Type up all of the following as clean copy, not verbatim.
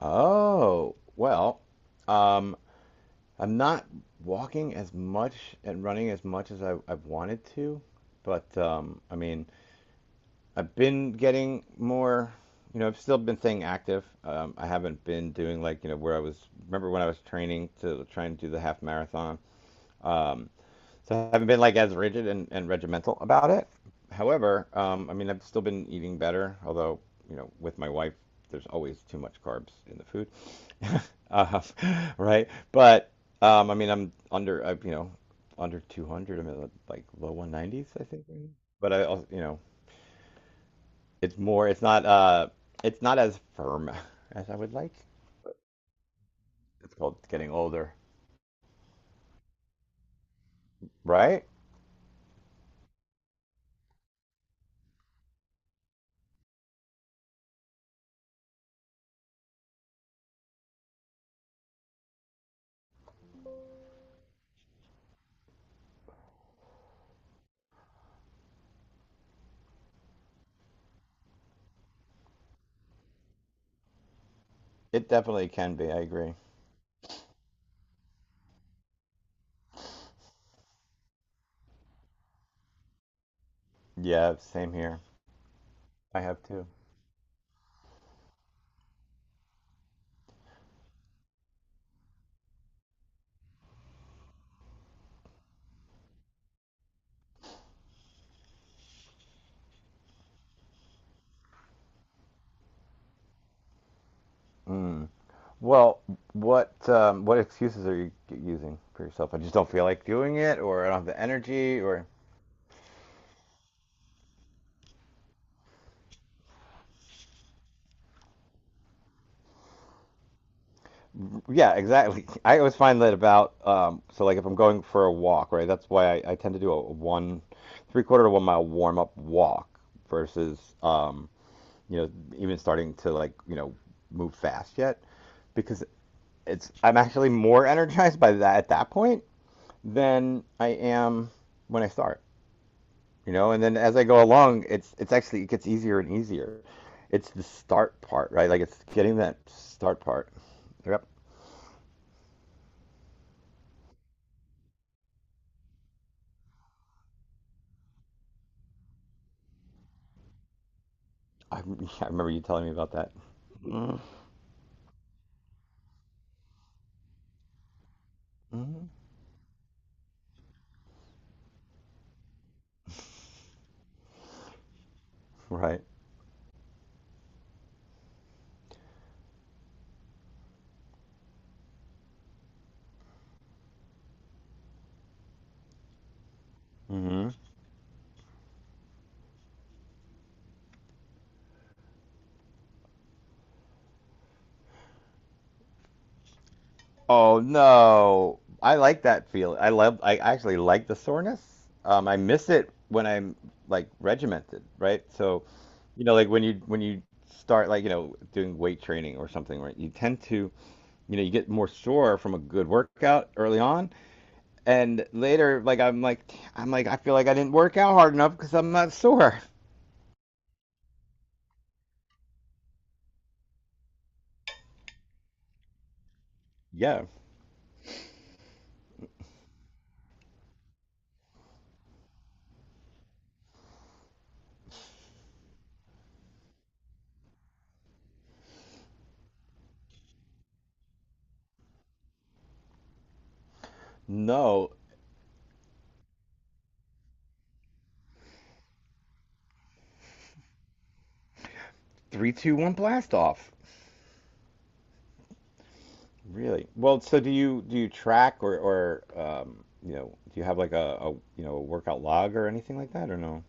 Oh, well, um, I'm not walking as much and running as much as I've wanted to, but I've been getting more. I've still been staying active. I haven't been doing like, where I was, remember when I was training to try and do the half marathon? Um. So I haven't been like as rigid and regimental about it. However, I've still been eating better, although, you know, with my wife, there's always too much carbs in the food. Uh, right? But I'm, you know, under 200. I'm at like low 190s, I think. But I also, you know, it's more, it's not, uh, it's not as firm as I would like. It's called getting older, right? It definitely can be. I agree. Yeah, same here. I have too. Mm. Well, what excuses are you using for yourself? I just don't feel like doing it, or I don't have the energy, or yeah, exactly. I always find that about so like if I'm going for a walk, right? That's why I tend to do a one, three quarter to 1 mile warm up walk versus you know even starting to like move fast yet because it's I'm actually more energized by that at that point than I am when I start. And then as I go along, it's actually it gets easier and easier. It's the start part, right? Like it's getting that start part. Yep. I remember you telling me about that. Mm-hmm. Right. Mm-hmm. Oh no, I like that feel. I actually like the soreness. I miss it when I'm like regimented, right? So you know, like when you start, like you know, doing weight training or something, right? You tend to, you know, you get more sore from a good workout early on. And later, like I'm like I feel like I didn't work out hard enough because I'm not sore. Yeah. No. Three, two, one, blast off. Really? Well, so do you track or you know, do you have like a you know a workout log or anything like that or no?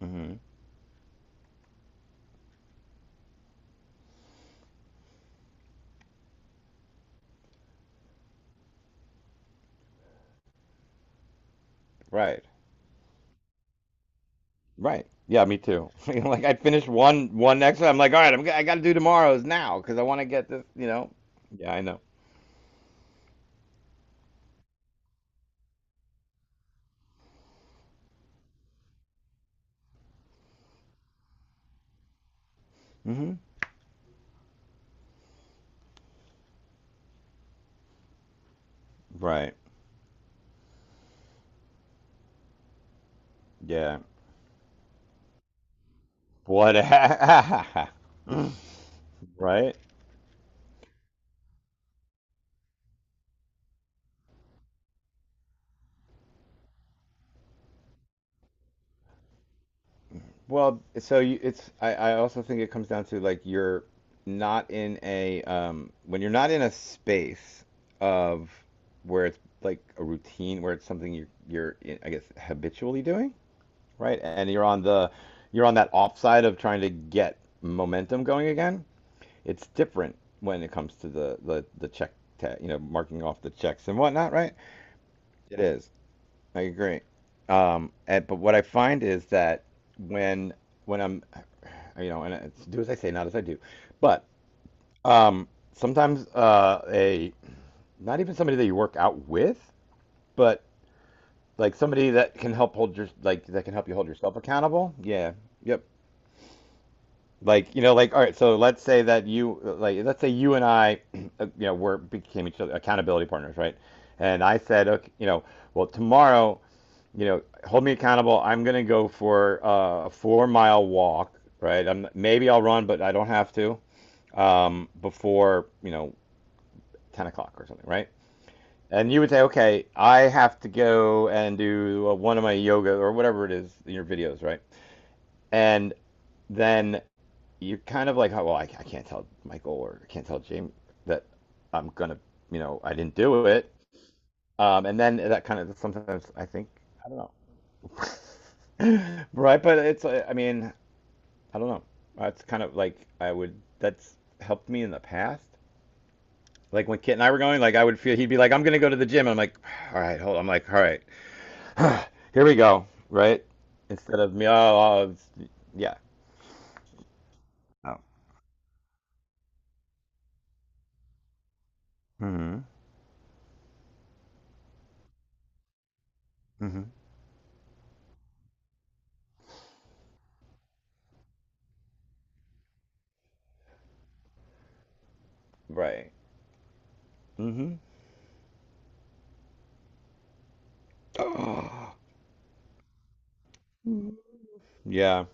mm hmm Right. Right. Yeah, me too. Like I finished one exercise. I'm like, all right, I got to do tomorrow's now because I want to get this. You know. Yeah, I know. Mm hmm Right. Yeah. What? Right. Well, it's I also think it comes down to like you're not in a when you're not in a space of where it's like a routine where it's something you're I guess habitually doing, right? And you're on the you're on that offside of trying to get momentum going again. It's different when it comes to the check tag, you know, marking off the checks and whatnot, right? It is. I agree. But what I find is that when when I'm you know, and it's do as I say, not as I do. But um, sometimes a not even somebody that you work out with, but like somebody that can help hold your like that can help you hold yourself accountable. Yeah. Yep. Like, you know, like all right, so let's say that you like let's say you and I you know, we're became each other accountability partners, right? And I said, okay, you know, well, tomorrow, you know, hold me accountable. I'm going to go for a 4-mile walk, right? I'm maybe I'll run, but I don't have to. Before you know 10 o'clock or something, right? And you would say, okay, I have to go and do one of my yoga or whatever it is in your videos, right? And then you're kind of like, oh, well, I can't tell Michael or I can't tell James that I'm gonna, you know, I didn't do it. And then that kind of sometimes I think I don't know, right? But it's, I mean, I don't know. That's kind of like I would. That's helped me in the past. Like when Kit and I were going, like I would feel he'd be like, "I'm gonna go to the gym." I'm like, "All right, hold." On. I'm like, "All right, here we go." Right? Instead of me, yeah. Oh. Hmm. Hmm. Right. Hmm. Oh. Yeah.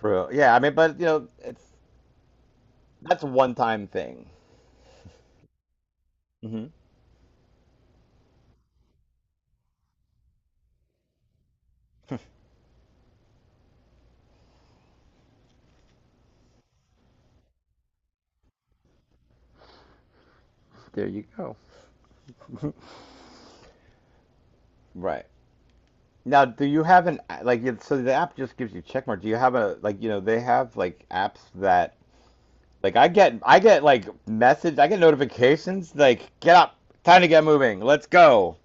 True. Yeah. I mean, but you know, it's that's a one-time thing. Hmm. There you go. Right. Now, do you have an like? So the app just gives you check mark. Do you have a like? You know, they have like apps that like I get like message I get notifications like get up, time to get moving, let's go,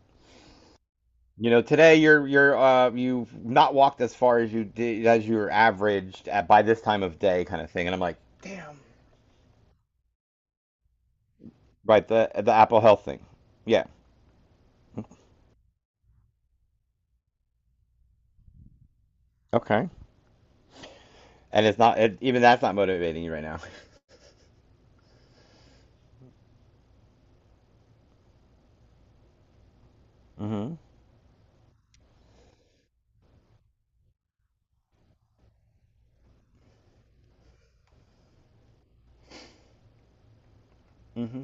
you know, today you're uh, you've not walked as far as you did as you were averaged at by this time of day kind of thing, and I'm like damn right the Apple Health thing, yeah, okay, and it's not it, even that's not motivating you right now. Mm-hmm. Mm-hmm.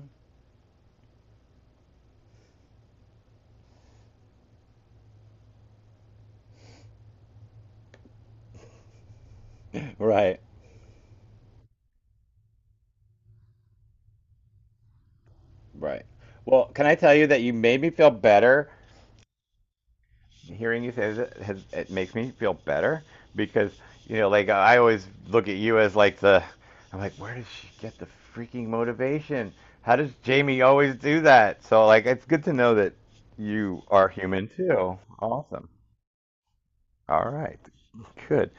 Right. Right. Well, can I tell you that you made me feel better? Hearing you say that has, It makes me feel better because you know, I always look at you as like the, I'm like where does she get the freaking motivation? How does Jamie always do that? So like it's good to know that you are human too. Awesome. All right. Good.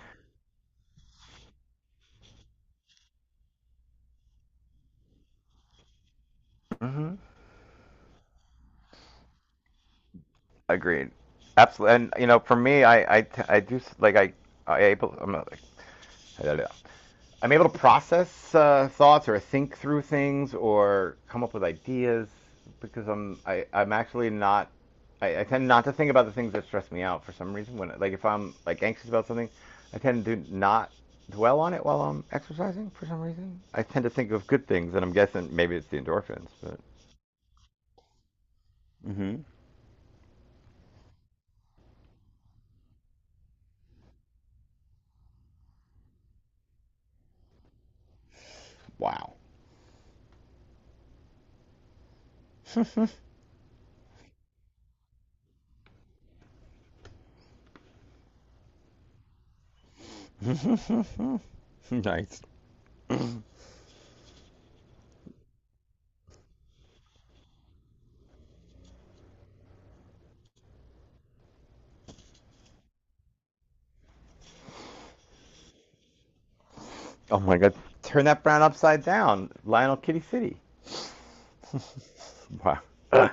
Hmm. Agreed. Absolutely. And you know for me I do like I'm not, I'm able to process thoughts or think through things or come up with ideas because I'm actually not. I tend not to think about the things that stress me out for some reason when like if I'm like anxious about something. I tend to not dwell on it while I'm exercising, for some reason I tend to think of good things, and I'm guessing maybe it's the endorphins but Mm-hmm. Wow. Nice. Oh my god, turn that brown upside down, Lionel Kitty City. Wow.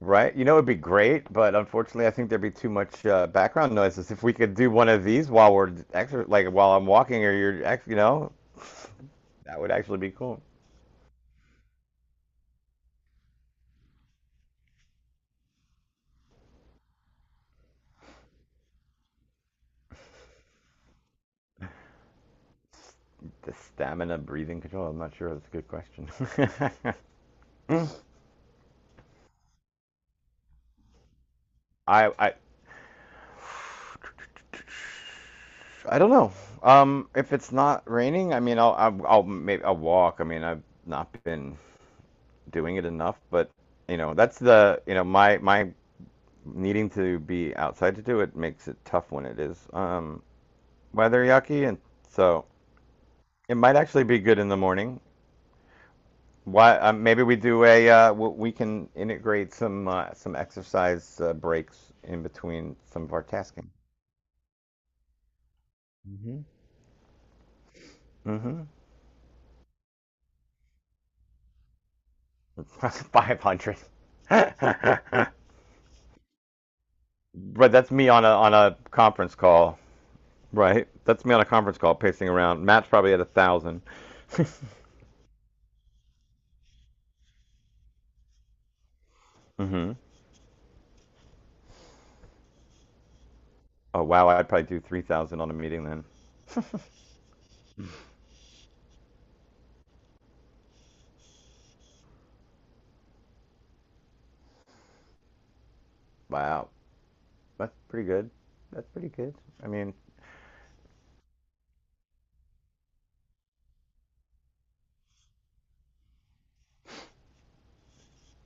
Right? You know, it'd be great, but unfortunately, I think there'd be too much background noises. If we could do one of these while we're exer like while I'm walking or you know, that would actually be cool. The stamina breathing control, I'm not sure. That's a good question. I I I don't know. If it's not raining, I mean, I'll maybe I'll walk. I mean, I've not been doing it enough, but you know, that's the you know my needing to be outside to do it makes it tough when it is. Weather yucky, and so it might actually be good in the morning. Why? Maybe we do a. We can integrate some exercise breaks in between some of our tasking. Mm-hmm. 500. But that's me on a conference call, right? That's me on a conference call pacing around. Matt's probably at 1,000. Mm-hmm. Oh wow, I'd probably do 3,000 on a meeting then. Wow, that's pretty good. That's pretty good. I mean,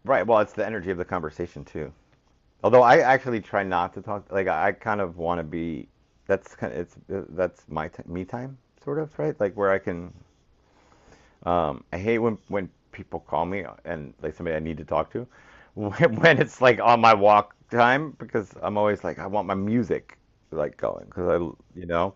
right. Well, it's the energy of the conversation too. Although I actually try not to talk. Like I kind of want to be. That's kind of, it's that's my t me time sort of right. Like where I can. I hate when people call me and like somebody I need to talk to, when it's like on my walk time because I'm always like I want my music like going because I you know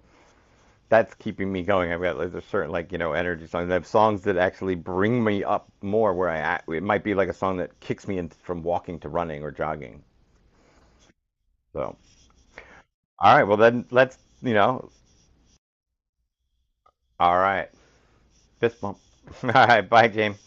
that's keeping me going. I've got like, there's certain like you know energy songs. I have songs that actually bring me up more. Where I at. It might be like a song that kicks me in from walking to running or jogging. So all right, well then let's you know all right fist bump. All right, bye James.